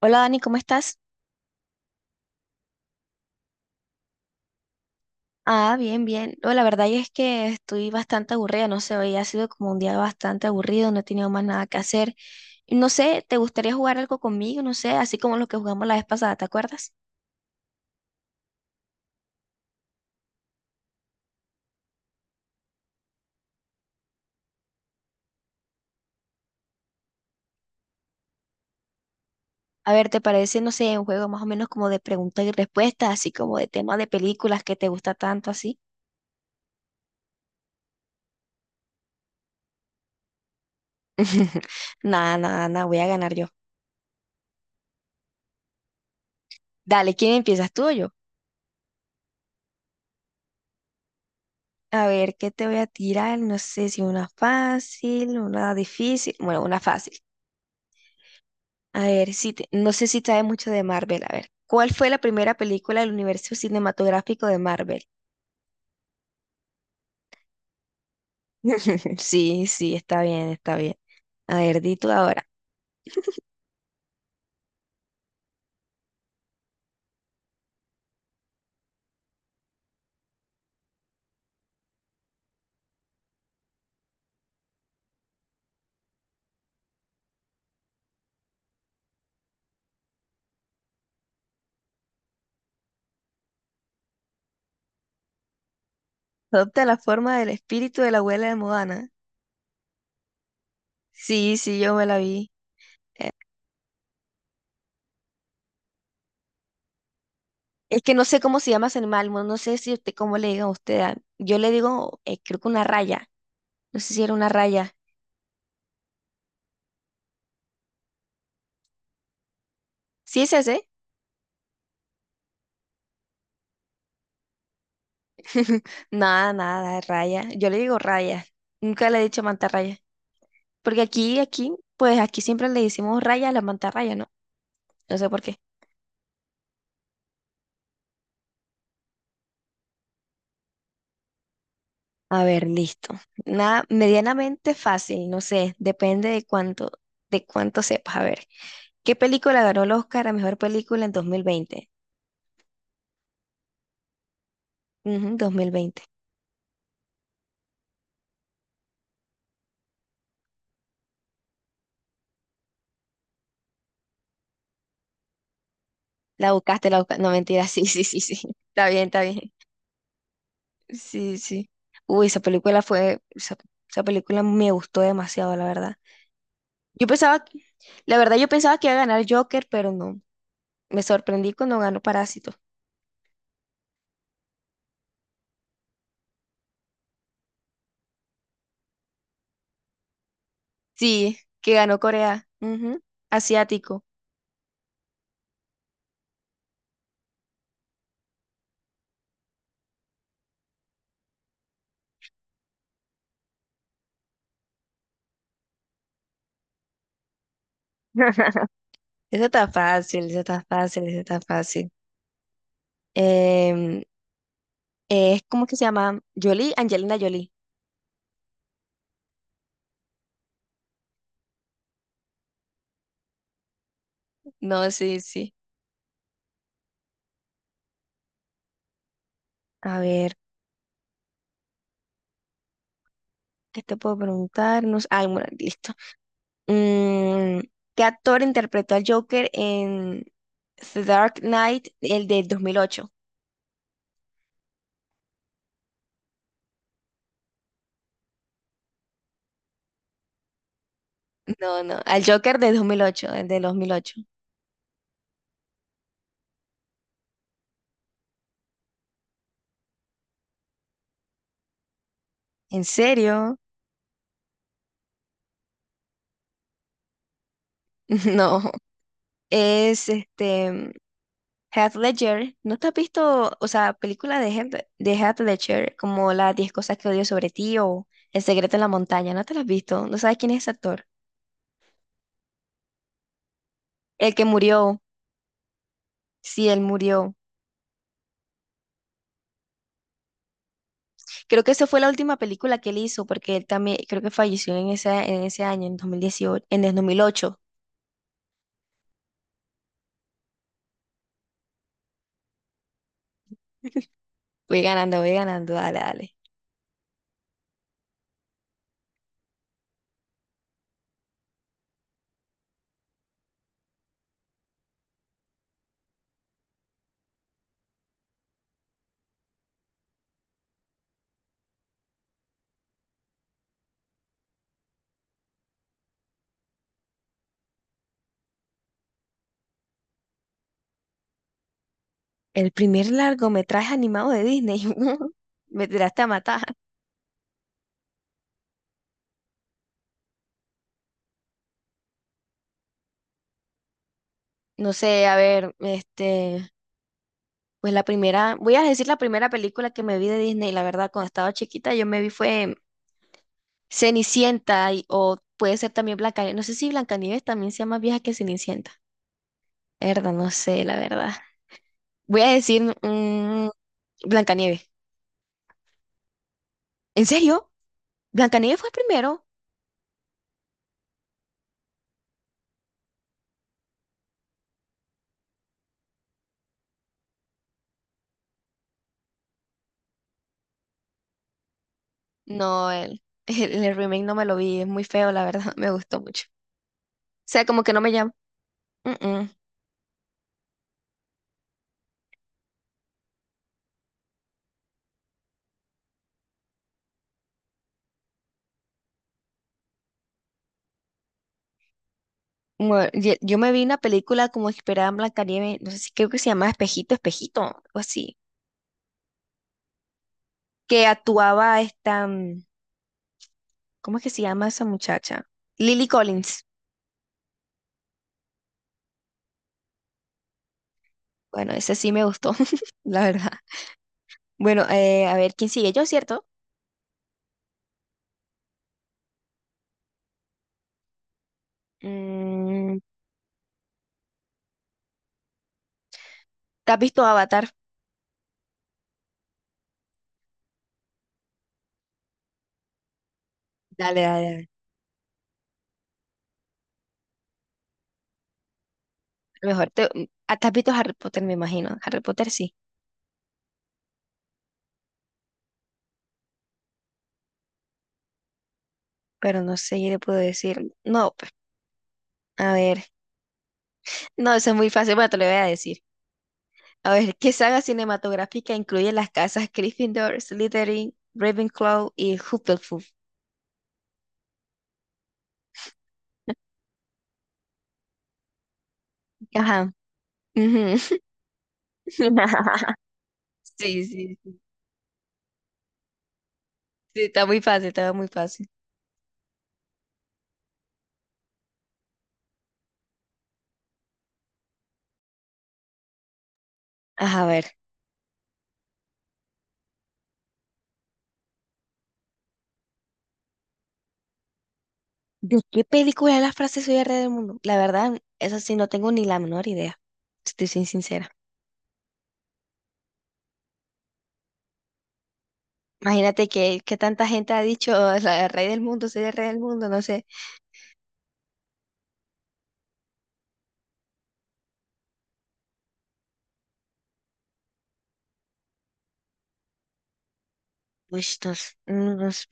Hola Dani, ¿cómo estás? Ah, bien, bien. No, la verdad es que estoy bastante aburrida, no sé, hoy ha sido como un día bastante aburrido, no he tenido más nada que hacer. Y no sé, ¿te gustaría jugar algo conmigo? No sé, así como lo que jugamos la vez pasada, ¿te acuerdas? A ver, ¿te parece, no sé, un juego más o menos como de preguntas y respuestas, así como de temas de películas que te gusta tanto, así? Nada, nada, nada, voy a ganar yo. Dale, ¿quién empiezas, tú o yo? A ver, ¿qué te voy a tirar? No sé si una fácil, una difícil, bueno, una fácil. A ver, no sé si sabe mucho de Marvel. A ver, ¿cuál fue la primera película del universo cinematográfico de Marvel? Sí, sí, está bien, está bien. A ver, di tú ahora. ¿Adopta la forma del espíritu de la abuela de Moana? Sí, sí, yo me la vi. Eh, Es que no sé cómo se llama ese animal, no sé si usted, cómo le digan a usted. Ah, yo le digo, creo que una raya. No sé si era una raya. ¿Sí es ese? Nada, nada, raya. Yo le digo raya. Nunca le he dicho mantarraya. Porque aquí, pues aquí siempre le decimos raya a la mantarraya, ¿no? No sé por qué. A ver, listo. Nada, medianamente fácil, no sé, depende de cuánto sepas. A ver, ¿qué película ganó el Oscar a mejor película en 2020? Ujú, 2020. La buscaste, la buscaste. No, mentira, sí, sí, sí, sí. Está bien, está bien. Sí, sí. Uy, esa película fue, esa película me gustó demasiado, la verdad. Yo pensaba, que- la verdad, yo pensaba que iba a ganar Joker, pero no. Me sorprendí cuando ganó Parásito. Sí, que ganó Corea. Ujú, Asiático. Eso está fácil, eso está fácil, eso está fácil. Em, es como que se llama Jolie, Angelina Jolie. No, sí, sí. A ver, ¿qué te puedo preguntar? No sé- Bueno, listo. Mm, ¿Qué actor interpretó al Joker en The Dark Knight, el del 2008? No, no, al Joker de del 2008, el del dos mil ocho. ¿En serio? No, es este. Heath Ledger, ¿no te has visto, o sea, película de Heath Ledger como las 10 cosas que odio sobre ti o El secreto en la montaña? ¿No te las has visto? ¿No sabes quién es ese actor? El que murió, sí, él murió. Creo que esa fue la última película que él hizo porque él también, creo que falleció en ese año, en 2018, en el 2008. Voy ganando, dale, dale. El primer largometraje animado de Disney. Me tiraste a matar. No sé, a ver, este, pues la primera, voy a decir la primera película que me vi de Disney, la verdad, cuando estaba chiquita, yo me vi fue Cenicienta o puede ser también Blancanieves. No sé si Blancanieves también sea más vieja que Cenicienta. Verdad, no sé, la verdad. Voy a decir Blancanieves. ¿En serio? ¿Blancanieves fue el primero? No, el, el remake no me lo vi, es muy feo, la verdad, me gustó mucho. O sea, como que no me llama. Mm, mm. Bueno, yo me vi una película como inspirada en Blancanieves, no sé si creo que se llama Espejito, Espejito, o así, que actuaba esta, ¿cómo es que se llama esa muchacha? Lily Collins. Bueno, ese sí me gustó, la verdad. Bueno, a ver, ¿quién sigue? Yo, ¿cierto? Mm, ¿Te has visto Avatar? Dale, dale, dale. Mejor te, mm, ah, Te has visto Harry Potter, me imagino. Harry Potter sí, pero no sé qué le puedo decir. No, pues, a ver. No, eso es muy fácil, pero te lo voy a decir. A ver, ¿qué saga cinematográfica incluye las casas Gryffindor, Slytherin, Ravenclaw y Hufflepuff? Ajá. Ujú. Sí, sí, sí, sí, está muy fácil, está muy fácil. Ajá, a ver. ¿De qué película es la frase Soy el rey del mundo? La verdad, eso sí, no tengo ni la menor idea. Estoy sin sincera. Imagínate que tanta gente ha dicho, o sea, el rey del mundo, soy el rey del mundo, no sé. Uy, no, no,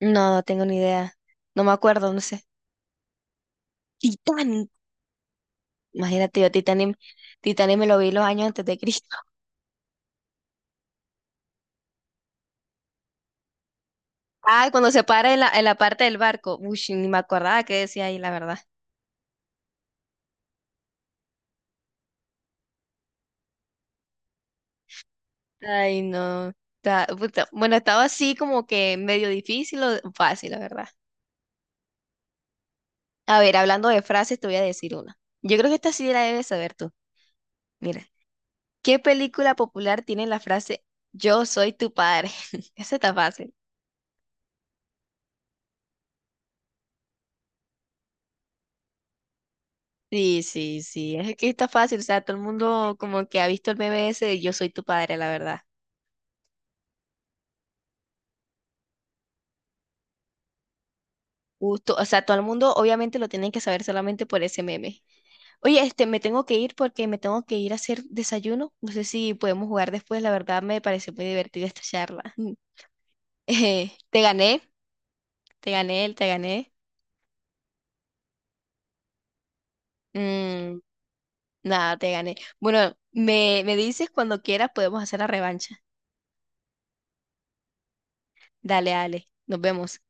no, no tengo ni idea. No me acuerdo, no sé. Titanic. Imagínate yo, Titanic, Titanic me lo vi los años antes de Cristo. Ah, cuando se para en la parte del barco. Uy, sí, ni me acordaba qué decía ahí, la verdad. Ay, no. Puta, bueno, estaba así como que medio difícil o fácil, la verdad. A ver, hablando de frases, te voy a decir una. Yo creo que esta sí la debes saber tú. Mira. ¿Qué película popular tiene la frase Yo soy tu padre? Esa está fácil. Sí, sí, sí, es que está fácil, o sea, todo el mundo como que ha visto el meme ese de Yo soy tu padre, la verdad. Justo, o sea, todo el mundo obviamente lo tiene que saber solamente por ese meme. Oye, este, me tengo que ir porque me tengo que ir a hacer desayuno. No sé si podemos jugar después, la verdad me pareció muy divertida esta charla. Te gané, te gané, te gané. Mm, Nada, te gané. Bueno, me dices cuando quieras podemos hacer la revancha. Dale, dale. Nos vemos.